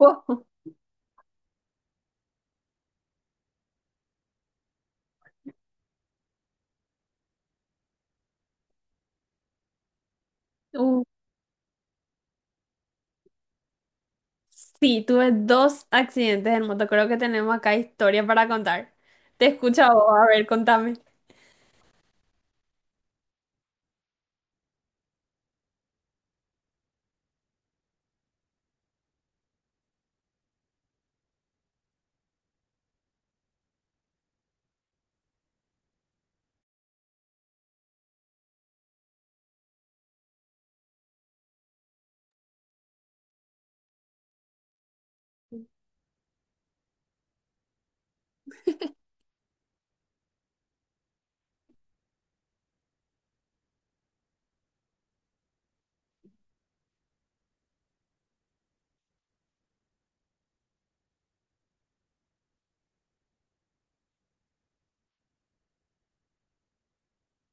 Wow. Sí, tuve dos accidentes en moto. Creo que tenemos acá historia para contar. Te escucho a vos, a ver, contame.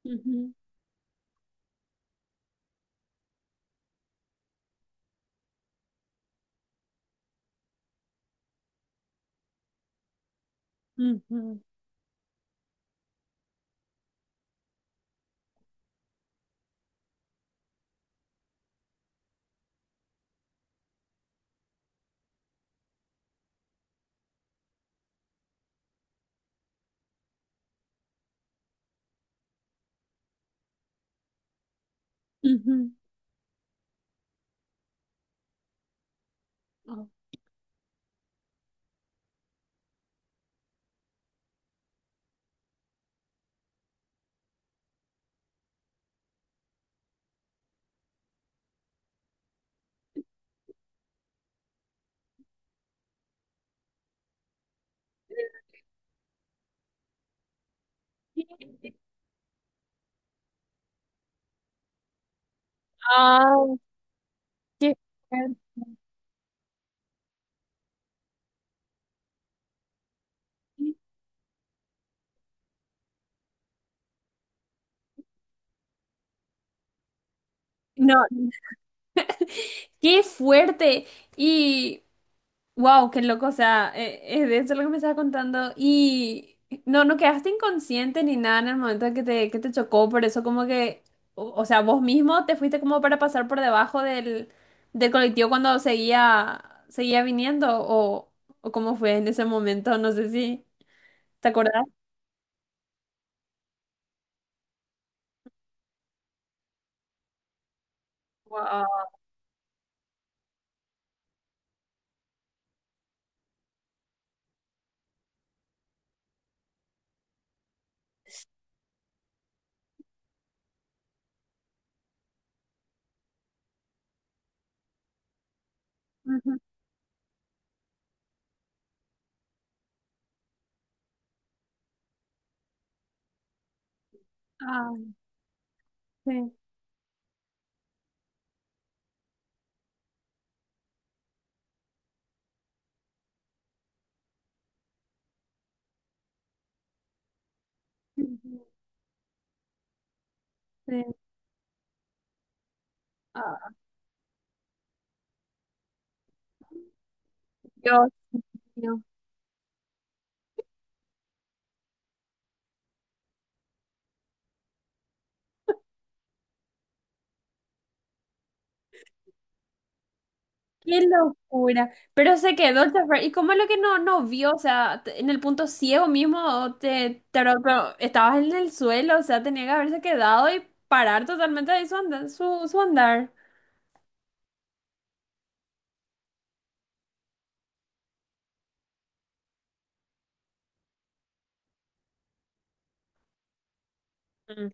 Ujú, ujú, ujú. Oh. Ah, qué fuerte. No, qué fuerte. Y wow, qué loco, o sea, es de eso lo que me estabas contando y no, no quedaste inconsciente ni nada en el momento en que te chocó, por eso como que, o sea, vos mismo te fuiste como para pasar por debajo del, del colectivo cuando seguía viniendo o cómo fue en ese momento, no sé si te acordás. Wow. Ujú. Ah, sí. Ujú. Sí. Ah, Dios mío. Qué locura. Pero se quedó el chofer. ¿Y cómo es lo que no vio? O sea, te- en el punto ciego mismo, te ro- pero estabas en el suelo, o sea, tenía que haberse quedado y parar totalmente ahí su andar. Su andar. Mm,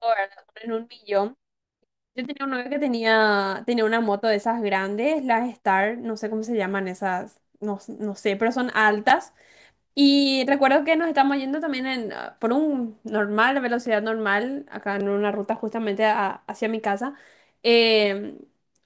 o en un millón. Yo tenía un novio que tenía una moto de esas grandes, las Star, no sé cómo se llaman esas, no sé, pero son altas. Y recuerdo que nos estamos yendo también en, ah, por un normal, velocidad normal, acá en una ruta justamente a- hacia mi casa, eh,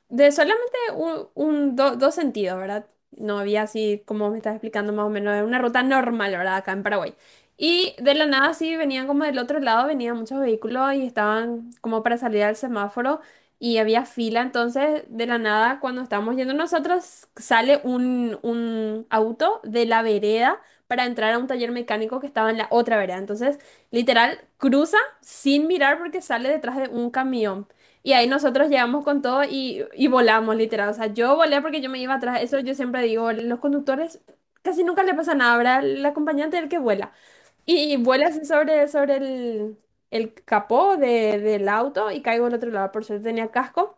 de solamente un- do- dos sentidos, ¿verdad? No había así, como me estás explicando más o menos, una ruta normal, ¿verdad? Acá en Paraguay. Y de la nada sí venían como del otro lado, venían muchos vehículos y estaban como para salir al semáforo y había fila, entonces de la nada cuando estábamos yendo nosotros sale un auto de la vereda para entrar a un taller mecánico que estaba en la otra vereda. Entonces, literal, cruza sin mirar porque sale detrás de un camión. Y ahí nosotros llegamos con todo y volamos, literal. O sea, yo volé porque yo me iba atrás. Eso yo siempre digo, los conductores casi nunca le pasa nada, ¿verdad? El acompañante es el que vuela. Y vuela así sobre el capó de- del auto y caigo al otro lado. Por suerte tenía casco.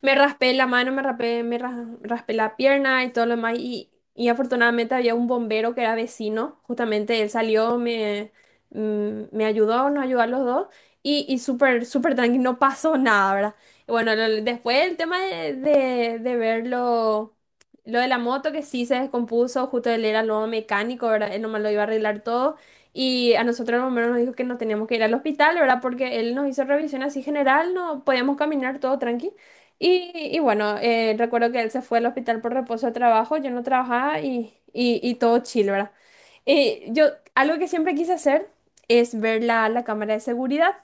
Me raspé la mano, me raspé, me ra- raspé la pierna y todo lo demás. Y afortunadamente había un bombero que era vecino, justamente él salió, me ayudó, nos ayudó a los dos. Y súper, súper tranquilo, no pasó nada, ¿verdad? Y bueno, lo- después el tema de, de ver lo de la moto que sí se descompuso, justo él era lo mecánico, ¿verdad? Él nomás lo iba a arreglar todo. Y a nosotros el bombero nos dijo que nos teníamos que ir al hospital, ¿verdad? Porque él nos hizo revisión así general, no podíamos caminar todo tranqui. Y bueno, recuerdo que él se fue al hospital por reposo de trabajo, yo no trabajaba y todo chill, ¿verdad? Yo, algo que siempre quise hacer es ver la, la cámara de seguridad,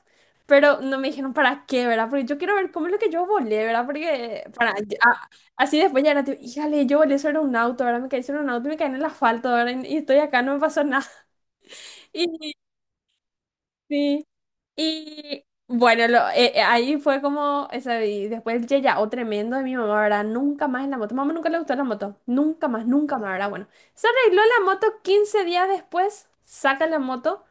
pero no me dijeron para qué, ¿verdad? Porque yo quiero ver cómo es lo que yo volé, ¿verdad? Porque para, a- así después ya era tipo, híjale, yo volé sobre un auto, ¿verdad? Me caí sobre un auto y me caí en el asfalto, ¿verdad? Y estoy acá, no me pasó nada. Y sí. Y bueno, lo- ahí fue como, esa, y después ya o tremendo de mi mamá, ¿verdad? Nunca más en la moto. Mamá nunca le gustó la moto. Nunca más, nunca más, ¿verdad? Bueno, se arregló la moto 15 días después, saca la moto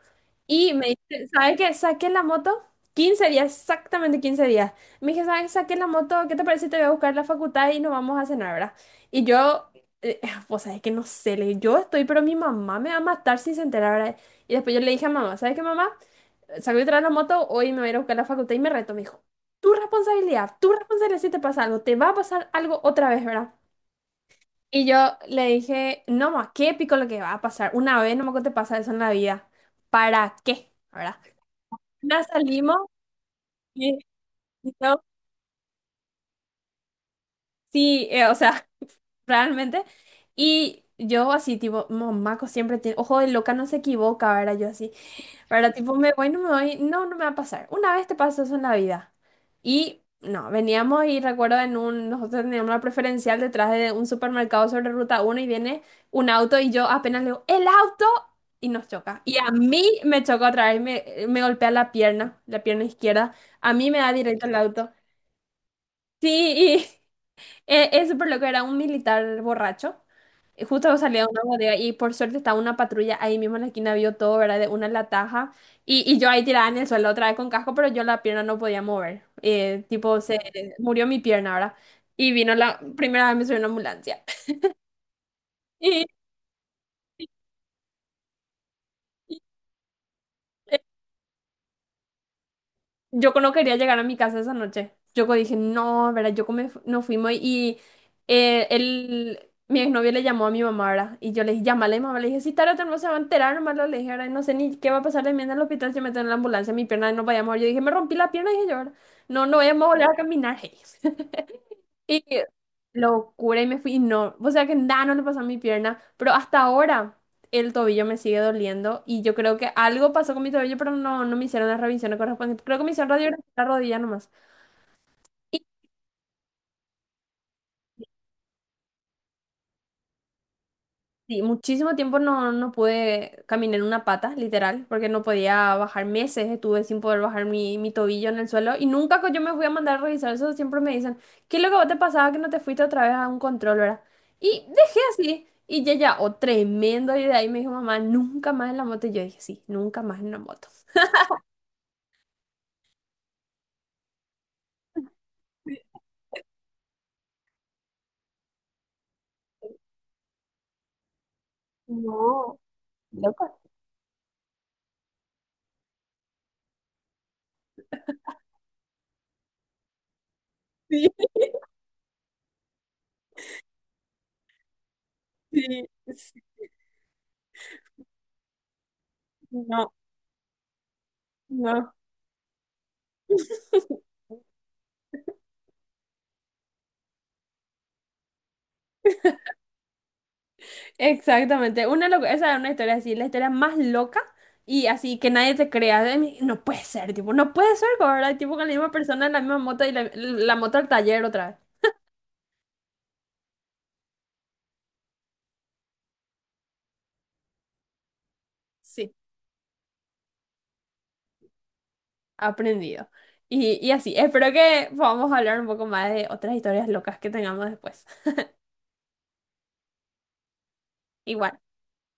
y me dice, ¿sabes qué? Saqué la moto 15 días, exactamente 15 días. Me dije, ¿sabes qué? Saqué la moto, ¿qué te parece si te voy a buscar a la facultad y nos vamos a cenar, ¿verdad? Y yo, eh, pues, ¿sabes que No sé, le dije, yo estoy, pero mi mamá me va a matar si se entera, ¿verdad? Y después yo le dije a mamá, ¿sabes qué, mamá? Salió a traer la moto, hoy me voy a ir a buscar a la facultad y me reto, me dijo, tu responsabilidad si te pasa algo, te va a pasar algo otra vez, ¿verdad? Y yo le dije, no, ma, qué épico lo que va a pasar, una vez no me te pasa eso en la vida, ¿para qué? ¿Verdad? Ya salimos, y yo, sí, o sea, realmente, y yo así, tipo, mamá, co- siempre tiene, ojo de loca no se equivoca, ¿verdad? Yo así. Para tipo, me voy, no, no me va a pasar. Una vez te pasó eso en la vida. Y no, veníamos y recuerdo en un, nosotros teníamos una preferencial detrás de un supermercado sobre ruta 1 y viene un auto y yo apenas le digo, ¡el auto! Y nos choca. Y a mí me choca otra vez, me golpea la pierna izquierda. A mí me da directo el auto. Sí, y es súper loco, era un militar borracho. Justo salía de una bodega y por suerte estaba una patrulla ahí mismo en la esquina, vio todo, ¿verdad? De una en la taja. Y yo ahí tirada en el suelo otra vez con casco, pero yo la pierna no podía mover. Tipo, se murió mi pierna, ¿verdad? Y vino la primera vez me subió una ambulancia. Yo no quería llegar a mi casa esa noche. Yo dije, no, ¿verdad? Yo me fu- nos fuimos y él, mi exnovio le llamó a mi mamá, ¿verdad? Y yo le dije, llámale, mamá. Le dije, si tarde o temprano se va a enterar, nomás lo le dije, ahora no sé ni qué va a pasar de mí en el hospital si me tengo en la ambulancia, mi pierna no vaya a mover. Yo dije, me rompí la pierna, dije yo, ¿verdad? No, no vayamos a volver a caminar. hey". Y locura, y me fui, y no, o sea que nada, no le pasó a mi pierna, pero hasta ahora el tobillo me sigue doliendo y yo creo que algo pasó con mi tobillo, pero no, no me hicieron las revisiones correspondientes, creo que me hicieron radiografía en la rodilla nomás. Sí, muchísimo tiempo no, no pude caminar en una pata, literal, porque no podía bajar meses, estuve sin poder bajar mi tobillo en el suelo y nunca co- yo me fui a mandar a revisar eso, siempre me dicen, ¿qué es lo que vos te pasaba que no te fuiste otra vez a un control, verdad? Y dejé así y ya, ya, oh, tremendo, y de ahí me dijo mamá, nunca más en la moto, y yo dije, sí, nunca más en la moto. No, loco. Sí, sí, sí, no, no. Exactamente, una loca, esa es una historia así, la historia más loca y así que nadie te crea, de mí, no puede ser, tipo, no puede ser, ¿verdad? Tipo con la misma persona, la misma moto y la moto al taller otra vez, sí. Aprendido. Y así, espero que podamos hablar un poco más de otras historias locas que tengamos después. Igual.